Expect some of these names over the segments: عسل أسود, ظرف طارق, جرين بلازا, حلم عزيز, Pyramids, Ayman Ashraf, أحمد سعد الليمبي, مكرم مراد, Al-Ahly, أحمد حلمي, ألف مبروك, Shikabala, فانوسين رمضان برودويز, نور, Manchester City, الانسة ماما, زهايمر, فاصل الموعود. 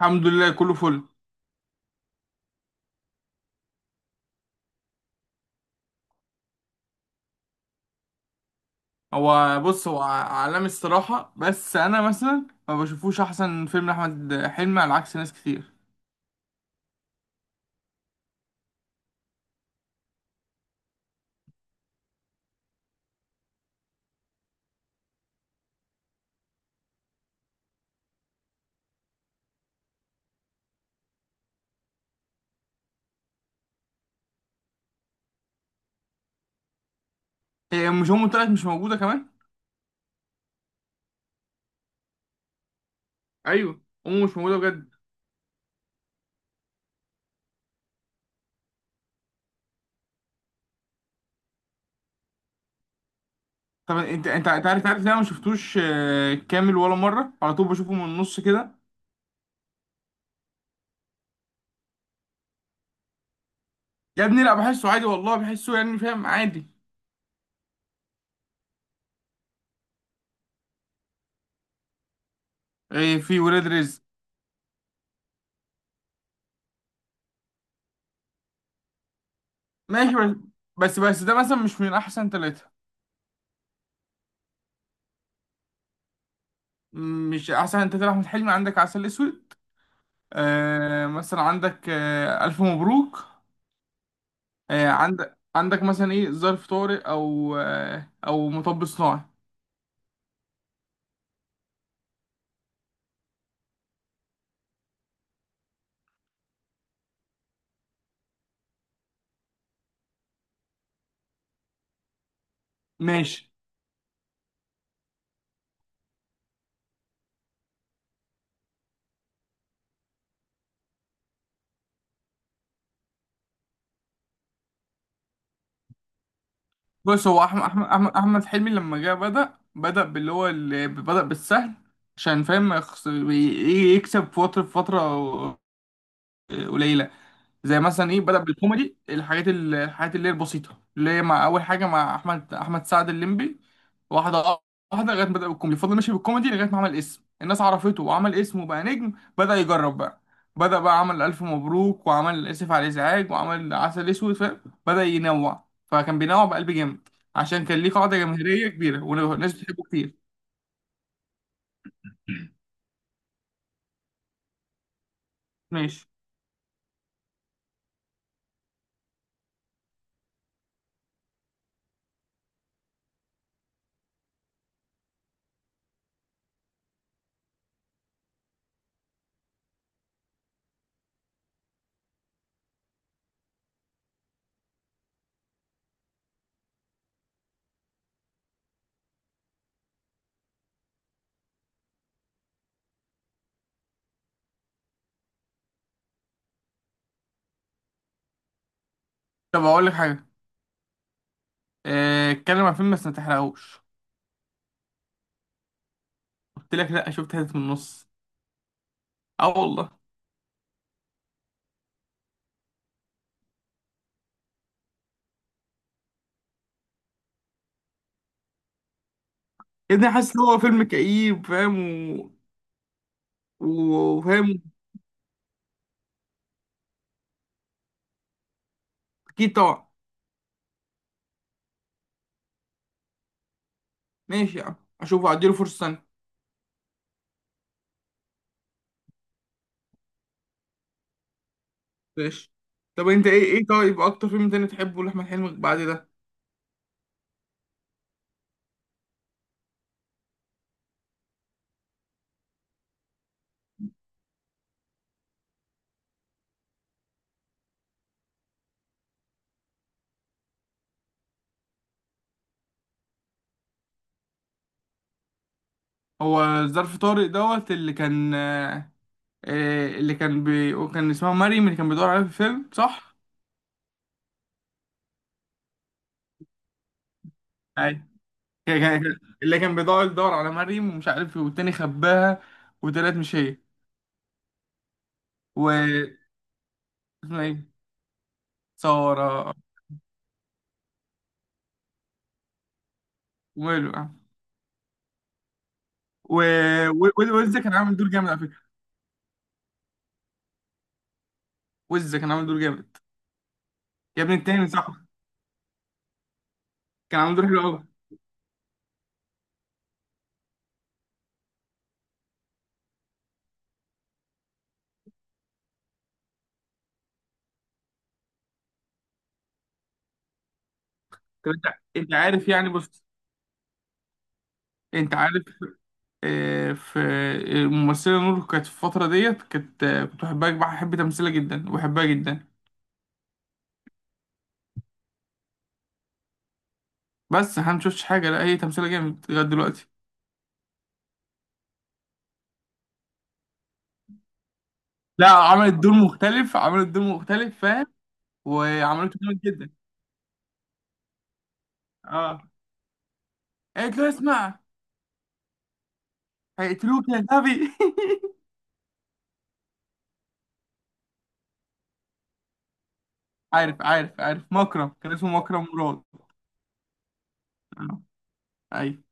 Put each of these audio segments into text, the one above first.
الحمد لله كله فل. هو بص، هو عالمي الصراحة، بس أنا مثلا ما بشوفوش أحسن فيلم لأحمد حلمي على عكس ناس كتير. إيه، مش أمه طلعت مش موجودة كمان؟ أيوه، أمه مش موجودة بجد. طب أنت عارف إن أنا ما شفتوش كامل ولا مرة، على طول بشوفه من النص كده. يا ابني لا، بحسه عادي والله، بحسه يعني فاهم عادي. إيه، في ولاد رزق. ماشي. بس ده مثلا مش من أحسن ثلاثة. مش أحسن ثلاثة أحمد حلمي، عندك عسل أسود، آه مثلا عندك آه ألف مبروك، عندك مثلا ايه ظرف طارئ، او او مطب صناعي. ماشي. بص، هو احمد احمد احمد أحمد حلمي لما جه، بدأ باللي هو اللي بدأ بالسهل، عشان فاهم ما يكسب في فترة قليلة. زي مثلا ايه، بدأ بالكوميدي، الحاجات الحاجات اللي هي البسيطة، اللي هي مع أول حاجة مع أحمد سعد الليمبي واحدة. واحدة، لغاية ما بدأ بالكوميدي، فضل ماشي بالكوميدي لغاية ما عمل اسم، الناس عرفته وعمل اسم وبقى نجم. بدأ يجرب بقى. بدأ بقى عمل ألف مبروك، وعمل آسف على الإزعاج، وعمل عسل أسود فاهم. بدأ ينوع، فكان بينوع بقلب جامد، عشان كان ليه قاعدة جماهيرية كبيرة والناس بتحبه كتير. ماشي. طب أقول لك حاجة، اتكلم عن فيلم بس ما تحرقهوش. قلت لك لأ، شفت حتت من النص. اه والله. يا ابني، حاسس ان هو فيلم كئيب فاهم. و... و- وفاهم. اكيد طبعا. ماشي يا عم، اشوفه اديله فرصه ثانيه. ماشي. طب انت، ايه طيب اكتر فيلم تاني تحبه لاحمد حلمي بعد ده؟ هو ظرف طارق دوت اللي كان اللي كان كان اسمها مريم، اللي كان بيدور عليها في الفيلم صح؟ ايوه. كان- كان- اللي كان يدور على مريم ومش عارف ايه، والتاني خباها وطلعت مش هي. و اسمها ايه؟ سارة. وماله يعني. و... و... وإزاي كان عامل دور جامد على فكرة. ويز كان عامل دور جامد، يا ابني التاني صاحبه، كان عامل دور حلو قوي. طب انت، انت عارف يعني، بص، انت عارف في الممثله نور، كانت في الفتره ديت كانت كنت بحبها، بحب تمثيلها جدا وبحبها جدا. بس احنا مشفتش حاجه، لا هي تمثيلها جامد لغايه دلوقتي. لا، عملت دور مختلف، عملت دور مختلف فاهم، وعملته جامد جدا. اه، قالت له اسمع، هيقتلوك يا غبي. عارف عارف، مكرم كان اسمه مكرم مراد. آه، ايوه.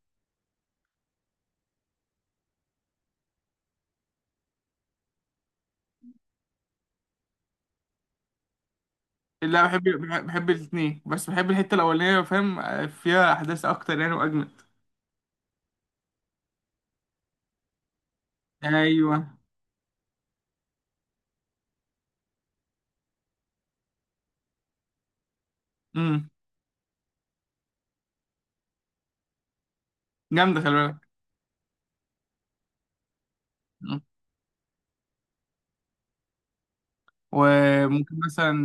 لا بحب، بحب الاثنين، بس بحب الحته الاولانيه، فاهم فيها احداث اكتر يعني واجمد. ايوه. امم جامده خلي بالك. مم. وممكن مثلا،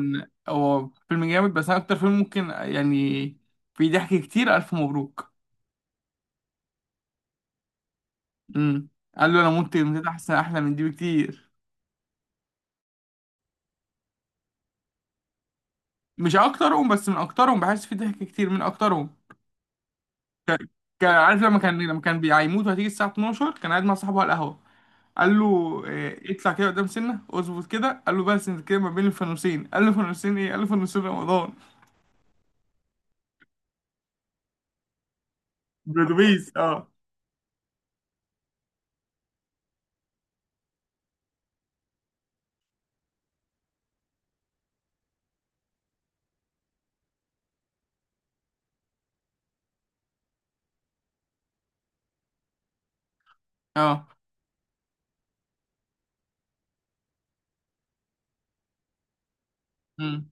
هو فيلم جامد بس انا اكتر فيلم ممكن يعني في ضحك كتير الف مبروك. امم قال له انا مت، متت احسن احلى من دي بكتير. مش اكترهم بس من اكترهم، بحس في ضحك كتير، من اكترهم. ك- كان عارف لما كان، هيموت وهتيجي الساعه 12، كان قاعد مع صاحبه على القهوه، قال له إيه، اطلع كده قدام سنة اظبط كده، قال له بس انت كده ما بين الفانوسين، قال له فانوسين ايه، قال له فانوسين رمضان. برودويز اه. اه. مم.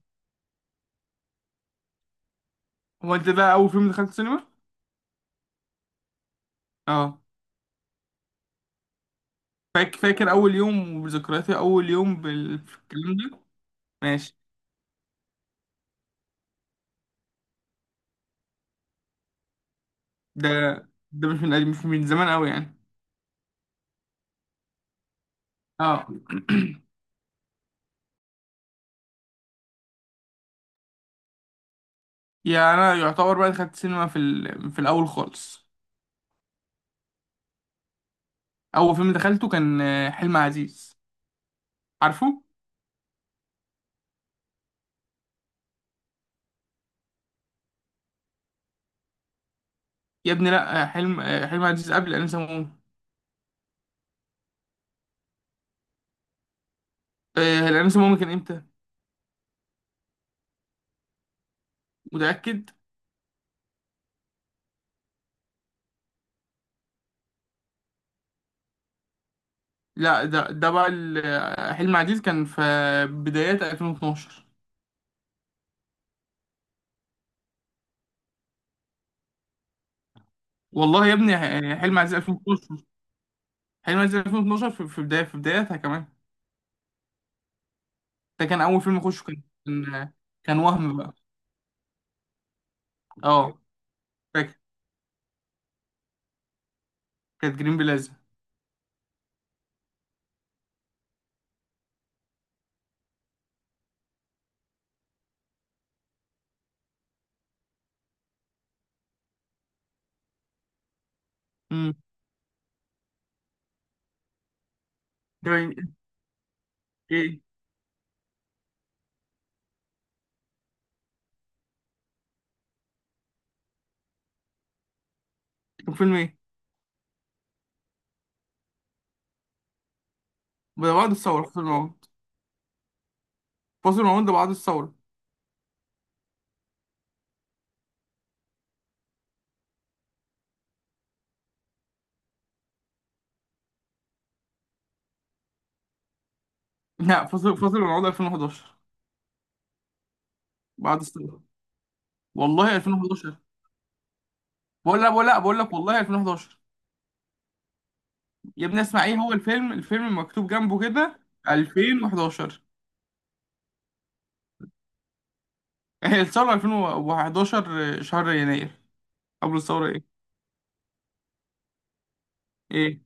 هو انت ده اول فيلم دخلت سينما؟ اه. فاكر اول يوم، وذكرياتي اول يوم بالكلام ده. ماشي. ده ده مش من زمان قوي يعني. اه يعني انا يعتبر بقى دخلت سينما في في الاول خالص. اول فيلم دخلته كان حلم عزيز، عارفه؟ يا ابني لا، حلم عزيز قبل انسة. الانسة ماما كان امتى؟ متأكد؟ لا ده بقى حلم عزيز كان في بدايات 2012. والله يا ابني حلم عزيز 2012، حلم عزيز 2012 في بداية في بداياتها كمان. ده كان اول فيلم اخشه، كان وهم بقى. اه فاكر. كانت جرين بلازا. امم ده ايه؟ إيه؟ كان فيلم ايه؟ ده بعد الثورة، فاصل الموعود. فاصل الموعود ده بعد الثورة. لا، فاصل الموعود 2011. بعد الثورة، والله 2011. بقول لك والله 2011. يا ابني اسمع، ايه هو الفيلم؟ الفيلم مكتوب جنبه كده 2011. هي الثورة 2011 شهر يناير. قبل الثورة ايه؟ ايه؟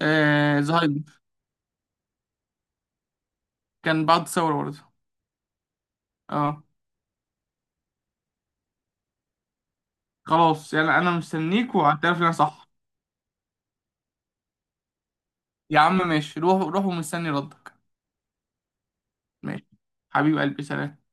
آه زهايمر. كان بعد الثورة برضه. اه خلاص، يعني انا مستنيك وهعترف ان انا صح. يا عم ماشي، روح روح ومستني ردك. ماشي، حبيب قلبي سلام.